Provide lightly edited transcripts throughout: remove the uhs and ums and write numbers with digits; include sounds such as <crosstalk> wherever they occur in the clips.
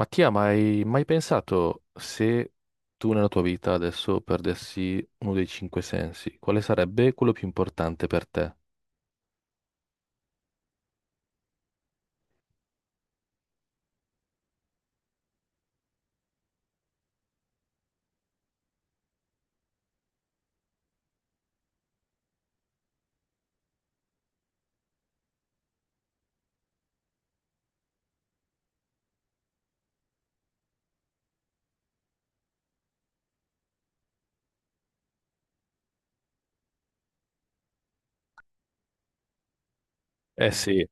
Mattia, ma hai mai pensato se tu nella tua vita adesso perdessi uno dei cinque sensi, quale sarebbe quello più importante per te? Eh sì.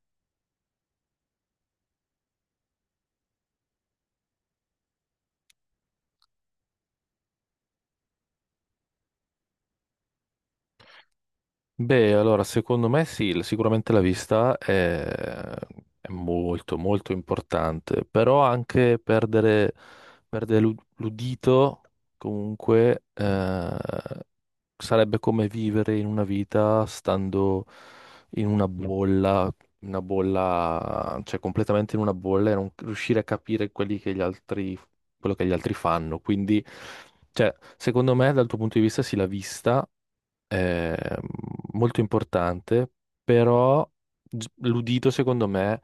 Beh, allora, secondo me sì, sicuramente la vista è molto, molto importante, però anche perdere, perdere l'udito comunque sarebbe come vivere in una vita stando in una bolla, cioè completamente in una bolla e non riuscire a capire quelli che gli altri, quello che gli altri fanno. Quindi, cioè, secondo me, dal tuo punto di vista, sì, la vista è molto importante, però l'udito, secondo me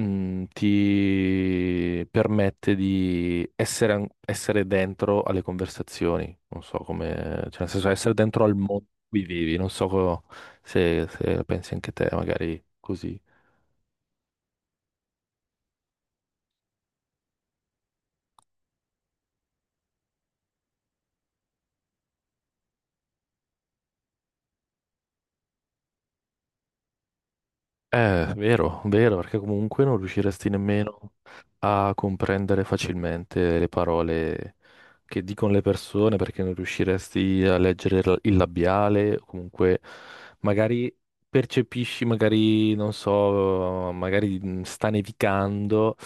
ti permette di essere, essere dentro alle conversazioni, non so come, cioè nel senso essere dentro al mondo in cui vivi, non so co-, se, se la pensi anche te, magari così. Vero, vero, perché comunque non riusciresti nemmeno a comprendere facilmente le parole che dicono le persone, perché non riusciresti a leggere il labiale, o comunque magari percepisci, magari, non so, magari sta nevicando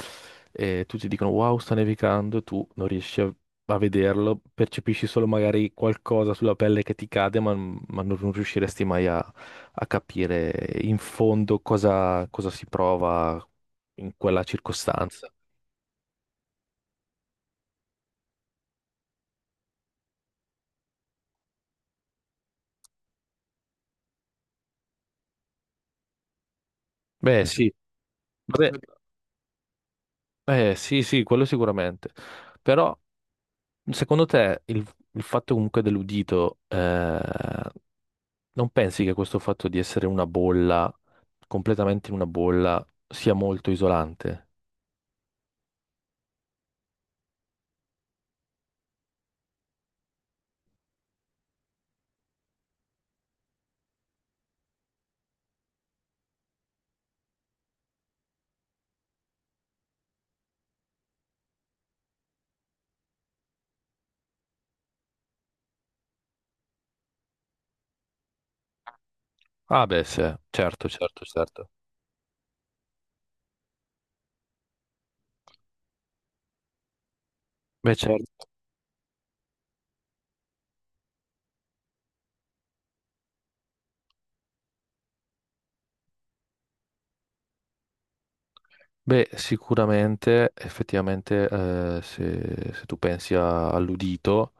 e tutti dicono wow, sta nevicando, e tu non riesci a, a vederlo, percepisci solo magari qualcosa sulla pelle che ti cade, ma non riusciresti mai a capire in fondo cosa, cosa si prova in quella circostanza. Beh, eh, sì, vabbè, sì, sì, quello sicuramente. Però, secondo te, il fatto comunque dell'udito, non pensi che questo fatto di essere una bolla, completamente in una bolla, sia molto isolante? Ah, beh, sì, eh, certo, certo, certo. Beh, certo. Beh, sicuramente, effettivamente, se, se tu pensi all'udito,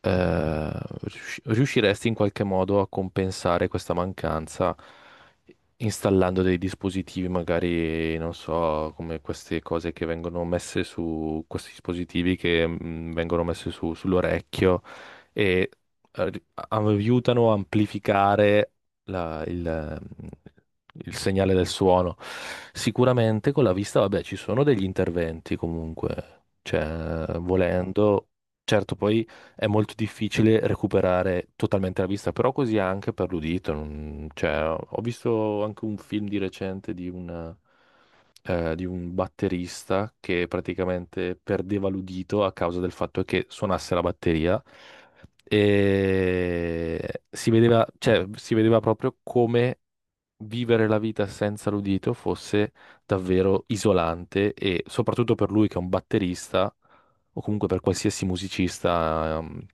eh, riusciresti in qualche modo a compensare questa mancanza installando dei dispositivi, magari, non so, come queste cose che vengono messe su questi dispositivi che vengono messe sull'orecchio e eh, ri- aiutano a amplificare la- il, il segnale del suono. Sicuramente con la vista, vabbè, ci sono degli interventi comunque, cioè, volendo, certo, poi è molto difficile recuperare totalmente la vista, però così anche per l'udito. Cioè, ho visto anche un film di recente di un batterista che praticamente perdeva l'udito a causa del fatto che suonasse la batteria. E si vedeva, cioè, si vedeva proprio come vivere la vita senza l'udito fosse davvero isolante e soprattutto per lui che è un batterista o comunque per qualsiasi musicista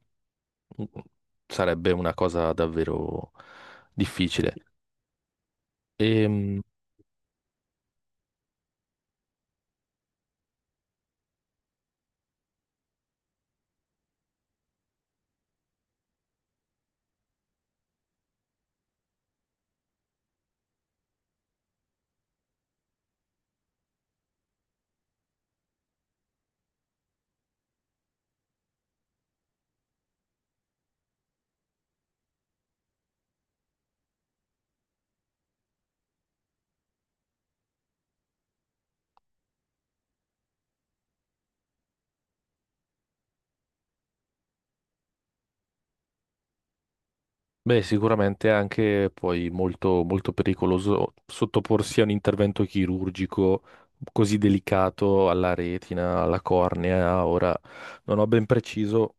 sarebbe una cosa davvero difficile. E, beh, sicuramente è anche poi molto, molto pericoloso sottoporsi a un intervento chirurgico così delicato alla retina, alla cornea. Ora non ho ben preciso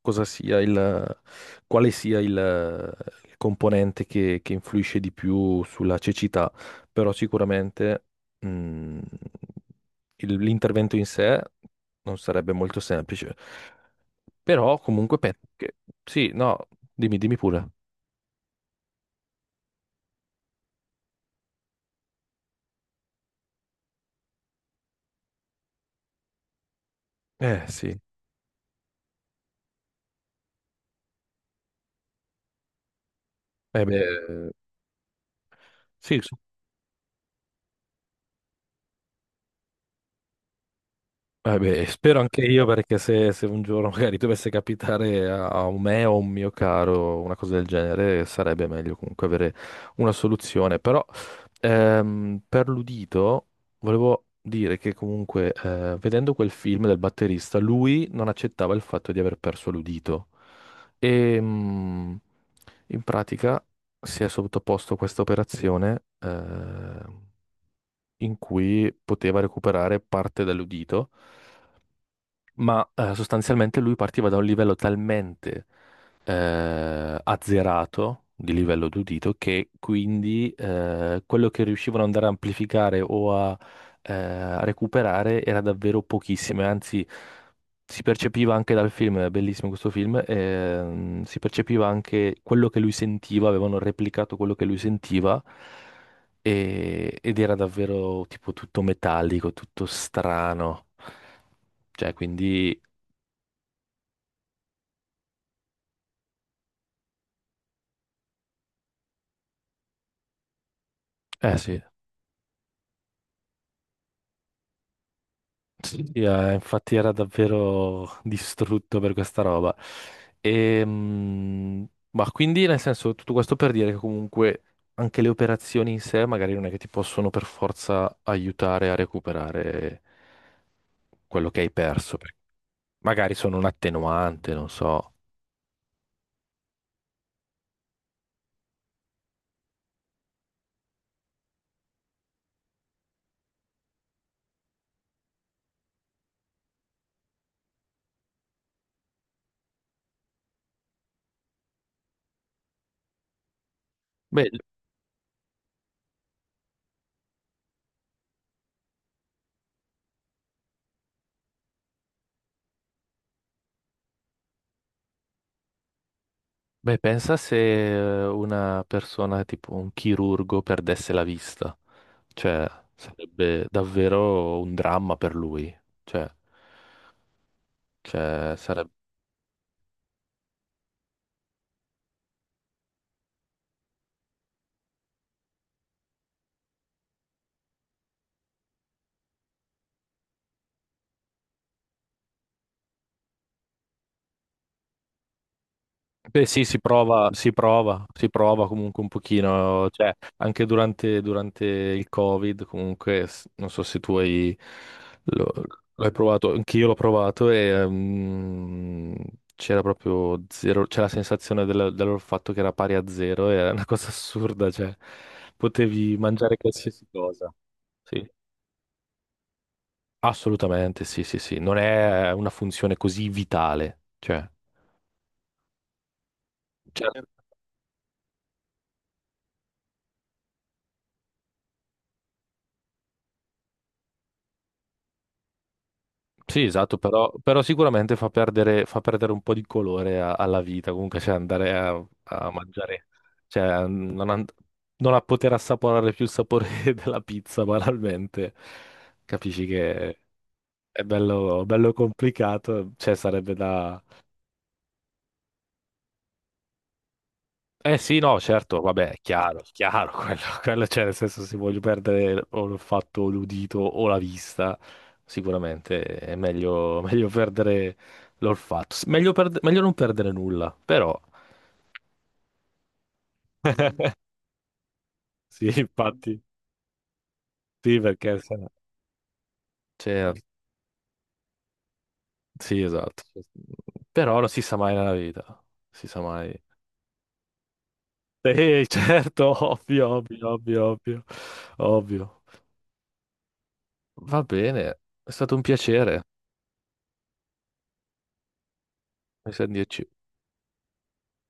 cosa sia il, quale sia il componente che influisce di più sulla cecità, però sicuramente mm, l'intervento in sé non sarebbe molto semplice. Però comunque penso che sì, no, dimmi, dimmi pure. Eh sì, eh beh, sì, beh, spero anche io perché se, se un giorno <laughs> magari dovesse capitare a, a un me o a un mio caro una cosa del genere, sarebbe meglio comunque avere una soluzione. Però per l'udito volevo dire che comunque vedendo quel film del batterista, lui non accettava il fatto di aver perso l'udito e in pratica si è sottoposto a questa operazione. In cui poteva recuperare parte dell'udito, ma sostanzialmente lui partiva da un livello talmente azzerato di livello d'udito che quindi quello che riuscivano ad andare a amplificare o a, a recuperare era davvero pochissimo, e anzi si percepiva anche dal film, è bellissimo questo film, si percepiva anche quello che lui sentiva, avevano replicato quello che lui sentiva ed era davvero tipo tutto metallico, tutto strano. Cioè, quindi, eh sì, sì, sì, infatti era davvero distrutto per questa roba. Ma quindi, nel senso, tutto questo per dire che comunque anche le operazioni in sé magari non è che ti possono per forza aiutare a recuperare quello che hai perso. Perché magari sono un attenuante, non so. Beh, beh, pensa se una persona tipo un chirurgo perdesse la vista, cioè sarebbe davvero un dramma per lui, cioè, cioè, sarebbe beh, sì, si prova, si prova, si prova comunque un pochino, cioè anche durante, durante il Covid, comunque, non so se tu hai, lo- l'hai provato, anche io l'ho provato e c'era proprio zero, c'era la sensazione del, del fatto che era pari a zero, era una cosa assurda, cioè potevi mangiare qualsiasi cosa. Sì, assolutamente, sì, sì, sì, non è una funzione così vitale, cioè... Certo. Sì, esatto, però, però sicuramente fa perdere un po' di colore alla vita, comunque cioè andare a, a mangiare, cioè non, non a poter assaporare più il sapore <laughs> della pizza banalmente, capisci che è bello, bello complicato, cioè sarebbe da, eh sì, no, certo, vabbè, è chiaro, <laughs> quello c'è, nel senso se voglio perdere o il fatto l'udito o la vista, sicuramente è meglio, <laughs> meglio perdere l'olfatto, meglio, meglio non perdere nulla, però sì, <laughs> infatti, sì, perché se no-, cioè, sì, esatto, però non si sa mai nella vita, si sa mai. Sì, certo, <laughs> ovvio, ovvio, ovvio, ovvio, ovvio. Va bene, è stato un piacere, mi sa di dirci.